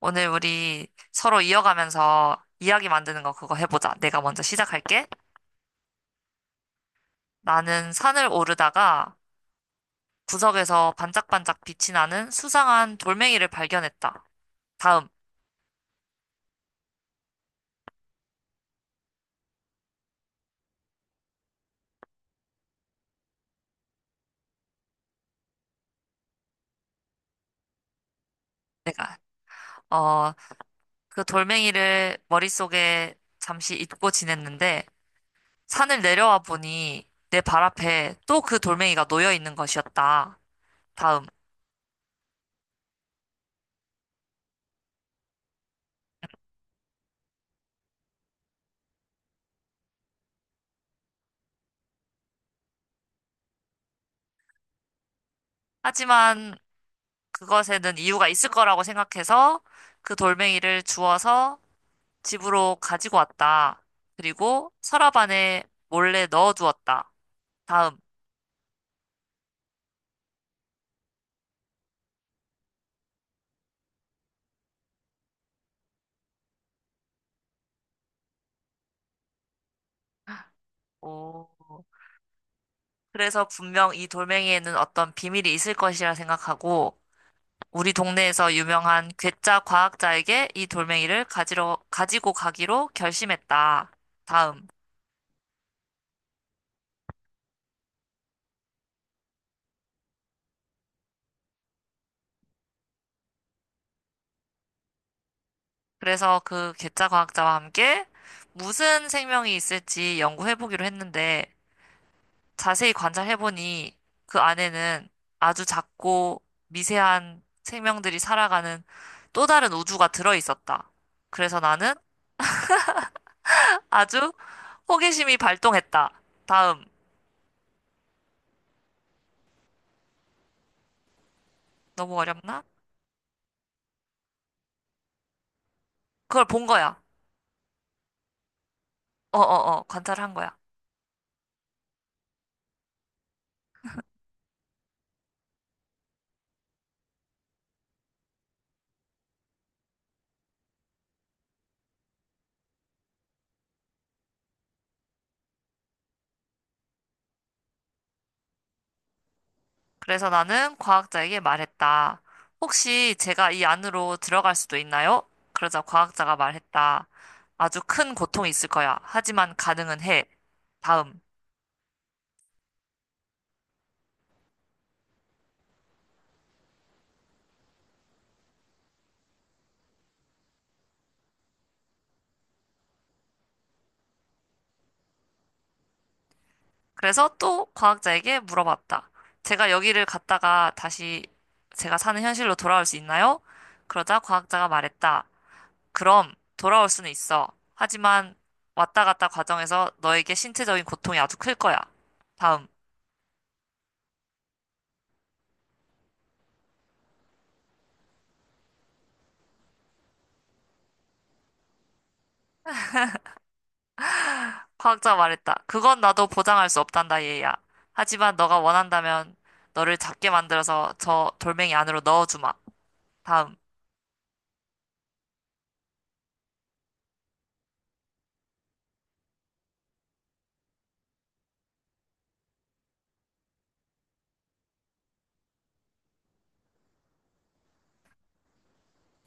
오늘 우리 서로 이어가면서 이야기 만드는 거 그거 해보자. 내가 먼저 시작할게. 나는 산을 오르다가 구석에서 반짝반짝 빛이 나는 수상한 돌멩이를 발견했다. 다음, 내가. 어, 그 돌멩이를 머릿속에 잠시 잊고 지냈는데 산을 내려와 보니 내 발 앞에 또 그 돌멩이가 놓여 있는 것이었다. 다음. 하지만 그것에는 이유가 있을 거라고 생각해서 그 돌멩이를 주워서 집으로 가지고 왔다. 그리고 서랍 안에 몰래 넣어두었다. 다음. 오. 그래서 분명 이 돌멩이에는 어떤 비밀이 있을 것이라 생각하고 우리 동네에서 유명한 괴짜 과학자에게 이 돌멩이를 가지고 가기로 결심했다. 다음. 그래서 그 괴짜 과학자와 함께 무슨 생명이 있을지 연구해보기로 했는데 자세히 관찰해보니 그 안에는 아주 작고 미세한 생명들이 살아가는 또 다른 우주가 들어있었다. 그래서 나는 아주 호기심이 발동했다. 다음. 너무 어렵나? 그걸 본 거야. 어어어, 관찰한 거야. 그래서 나는 과학자에게 말했다. 혹시 제가 이 안으로 들어갈 수도 있나요? 그러자 과학자가 말했다. 아주 큰 고통이 있을 거야. 하지만 가능은 해. 다음. 그래서 또 과학자에게 물어봤다. 제가 여기를 갔다가 다시 제가 사는 현실로 돌아올 수 있나요? 그러자 과학자가 말했다. 그럼 돌아올 수는 있어. 하지만 왔다 갔다 과정에서 너에게 신체적인 고통이 아주 클 거야. 다음. 과학자가 말했다. 그건 나도 보장할 수 없단다, 얘야. 하지만 너가 원한다면 너를 작게 만들어서 저 돌멩이 안으로 넣어주마. 다음.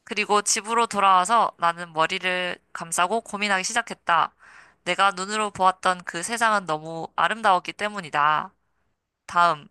그리고 집으로 돌아와서 나는 머리를 감싸고 고민하기 시작했다. 내가 눈으로 보았던 그 세상은 너무 아름다웠기 때문이다. 다음.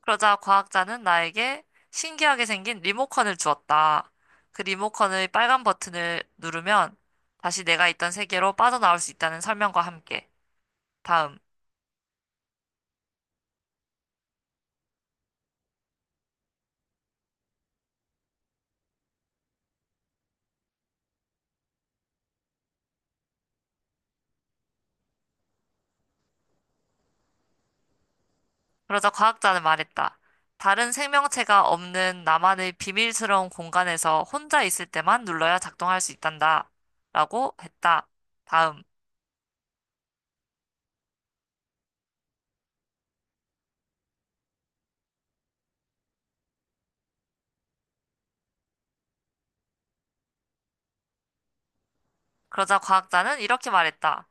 그러자 과학자는 나에게 신기하게 생긴 리모컨을 주었다. 그 리모컨의 빨간 버튼을 누르면 다시 내가 있던 세계로 빠져나올 수 있다는 설명과 함께. 다음. 그러자 과학자는 말했다. 다른 생명체가 없는 나만의 비밀스러운 공간에서 혼자 있을 때만 눌러야 작동할 수 있단다. 라고 했다. 다음. 그러자 과학자는 이렇게 말했다.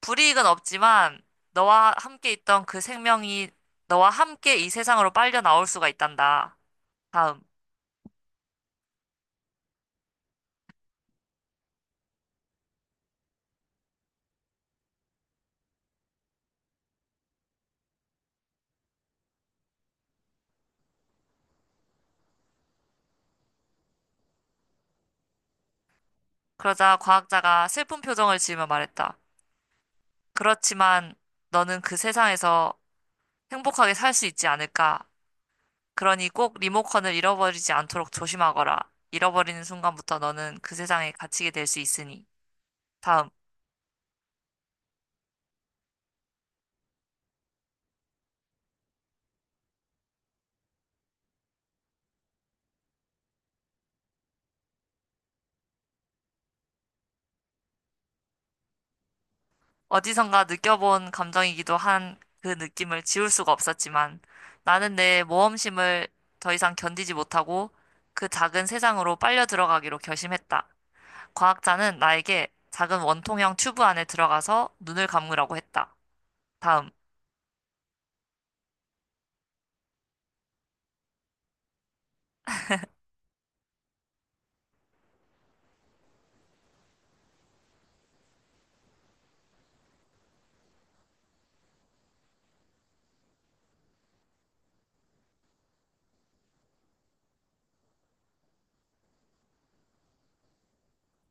불이익은 없지만 너와 함께 있던 그 생명이 너와 함께 이 세상으로 빨려 나올 수가 있단다. 다음. 그러자 과학자가 슬픈 표정을 지으며 말했다. 그렇지만 너는 그 세상에서 행복하게 살 수 있지 않을까? 그러니 꼭 리모컨을 잃어버리지 않도록 조심하거라. 잃어버리는 순간부터 너는 그 세상에 갇히게 될 수 있으니. 다음. 어디선가 느껴본 감정이기도 한 그 느낌을 지울 수가 없었지만 나는 내 모험심을 더 이상 견디지 못하고 그 작은 세상으로 빨려 들어가기로 결심했다. 과학자는 나에게 작은 원통형 튜브 안에 들어가서 눈을 감으라고 했다. 다음.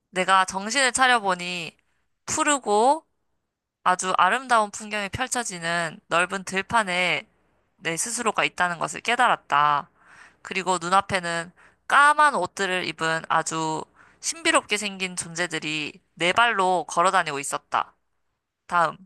내가 정신을 차려보니 푸르고 아주 아름다운 풍경이 펼쳐지는 넓은 들판에 내 스스로가 있다는 것을 깨달았다. 그리고 눈앞에는 까만 옷들을 입은 아주 신비롭게 생긴 존재들이 네 발로 걸어 다니고 있었다. 다음.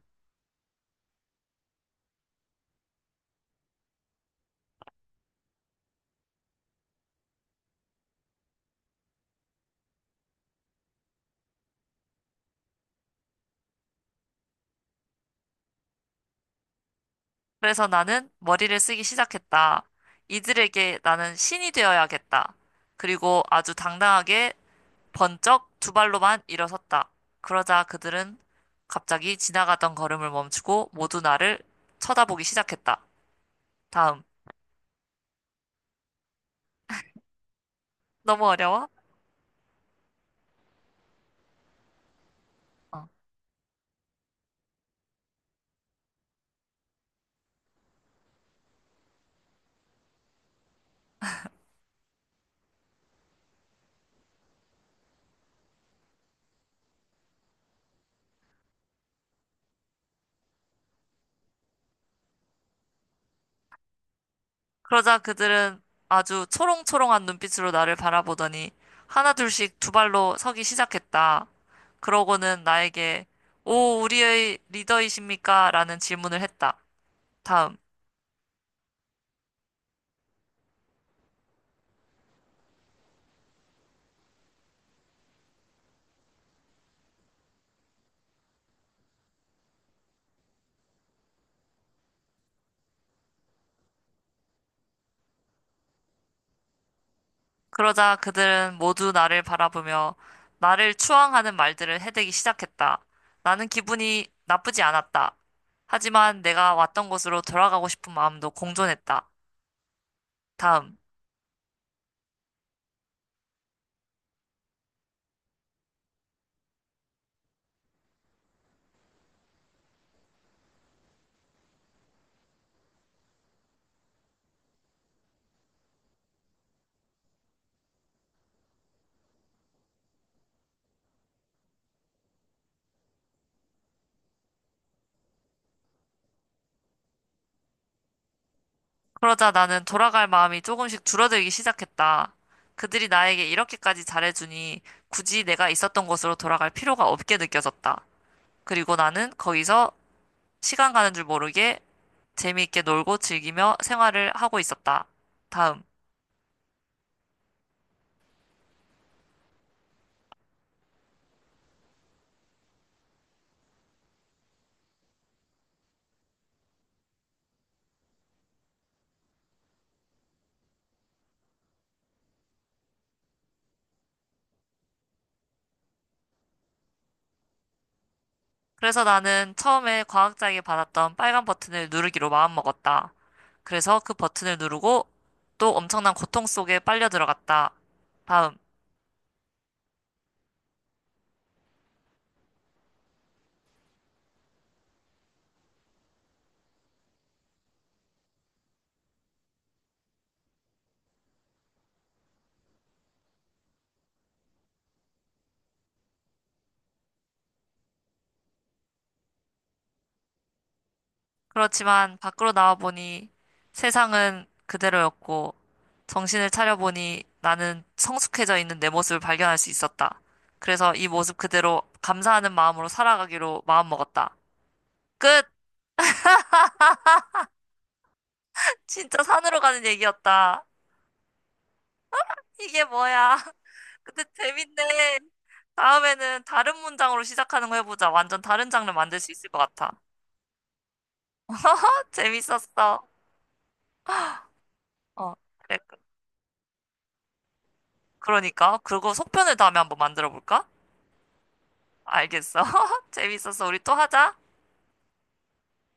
그래서 나는 머리를 쓰기 시작했다. 이들에게 나는 신이 되어야겠다. 그리고 아주 당당하게 번쩍 두 발로만 일어섰다. 그러자 그들은 갑자기 지나가던 걸음을 멈추고 모두 나를 쳐다보기 시작했다. 다음. 너무 어려워? 어. 그러자 그들은 아주 초롱초롱한 눈빛으로 나를 바라보더니 하나둘씩 두 발로 서기 시작했다. 그러고는 나에게 오, 우리의 리더이십니까? 라는 질문을 했다. 다음. 그러자 그들은 모두 나를 바라보며 나를 추앙하는 말들을 해대기 시작했다. 나는 기분이 나쁘지 않았다. 하지만 내가 왔던 곳으로 돌아가고 싶은 마음도 공존했다. 다음. 그러자 나는 돌아갈 마음이 조금씩 줄어들기 시작했다. 그들이 나에게 이렇게까지 잘해주니 굳이 내가 있었던 곳으로 돌아갈 필요가 없게 느껴졌다. 그리고 나는 거기서 시간 가는 줄 모르게 재미있게 놀고 즐기며 생활을 하고 있었다. 다음. 그래서 나는 처음에 과학자에게 받았던 빨간 버튼을 누르기로 마음먹었다. 그래서 그 버튼을 누르고 또 엄청난 고통 속에 빨려 들어갔다. 다음. 그렇지만 밖으로 나와보니 세상은 그대로였고 정신을 차려보니 나는 성숙해져 있는 내 모습을 발견할 수 있었다. 그래서 이 모습 그대로 감사하는 마음으로 살아가기로 마음먹었다. 끝! 진짜 산으로 가는 얘기였다. 이게 뭐야? 근데 재밌네. 다음에는 다른 문장으로 시작하는 거 해보자. 완전 다른 장르 만들 수 있을 것 같아. 재밌었어. 어, 그래, 그러니까. 그리고 속편을 다음에 한번 만들어 볼까? 알겠어. 재밌었어. 우리 또 하자.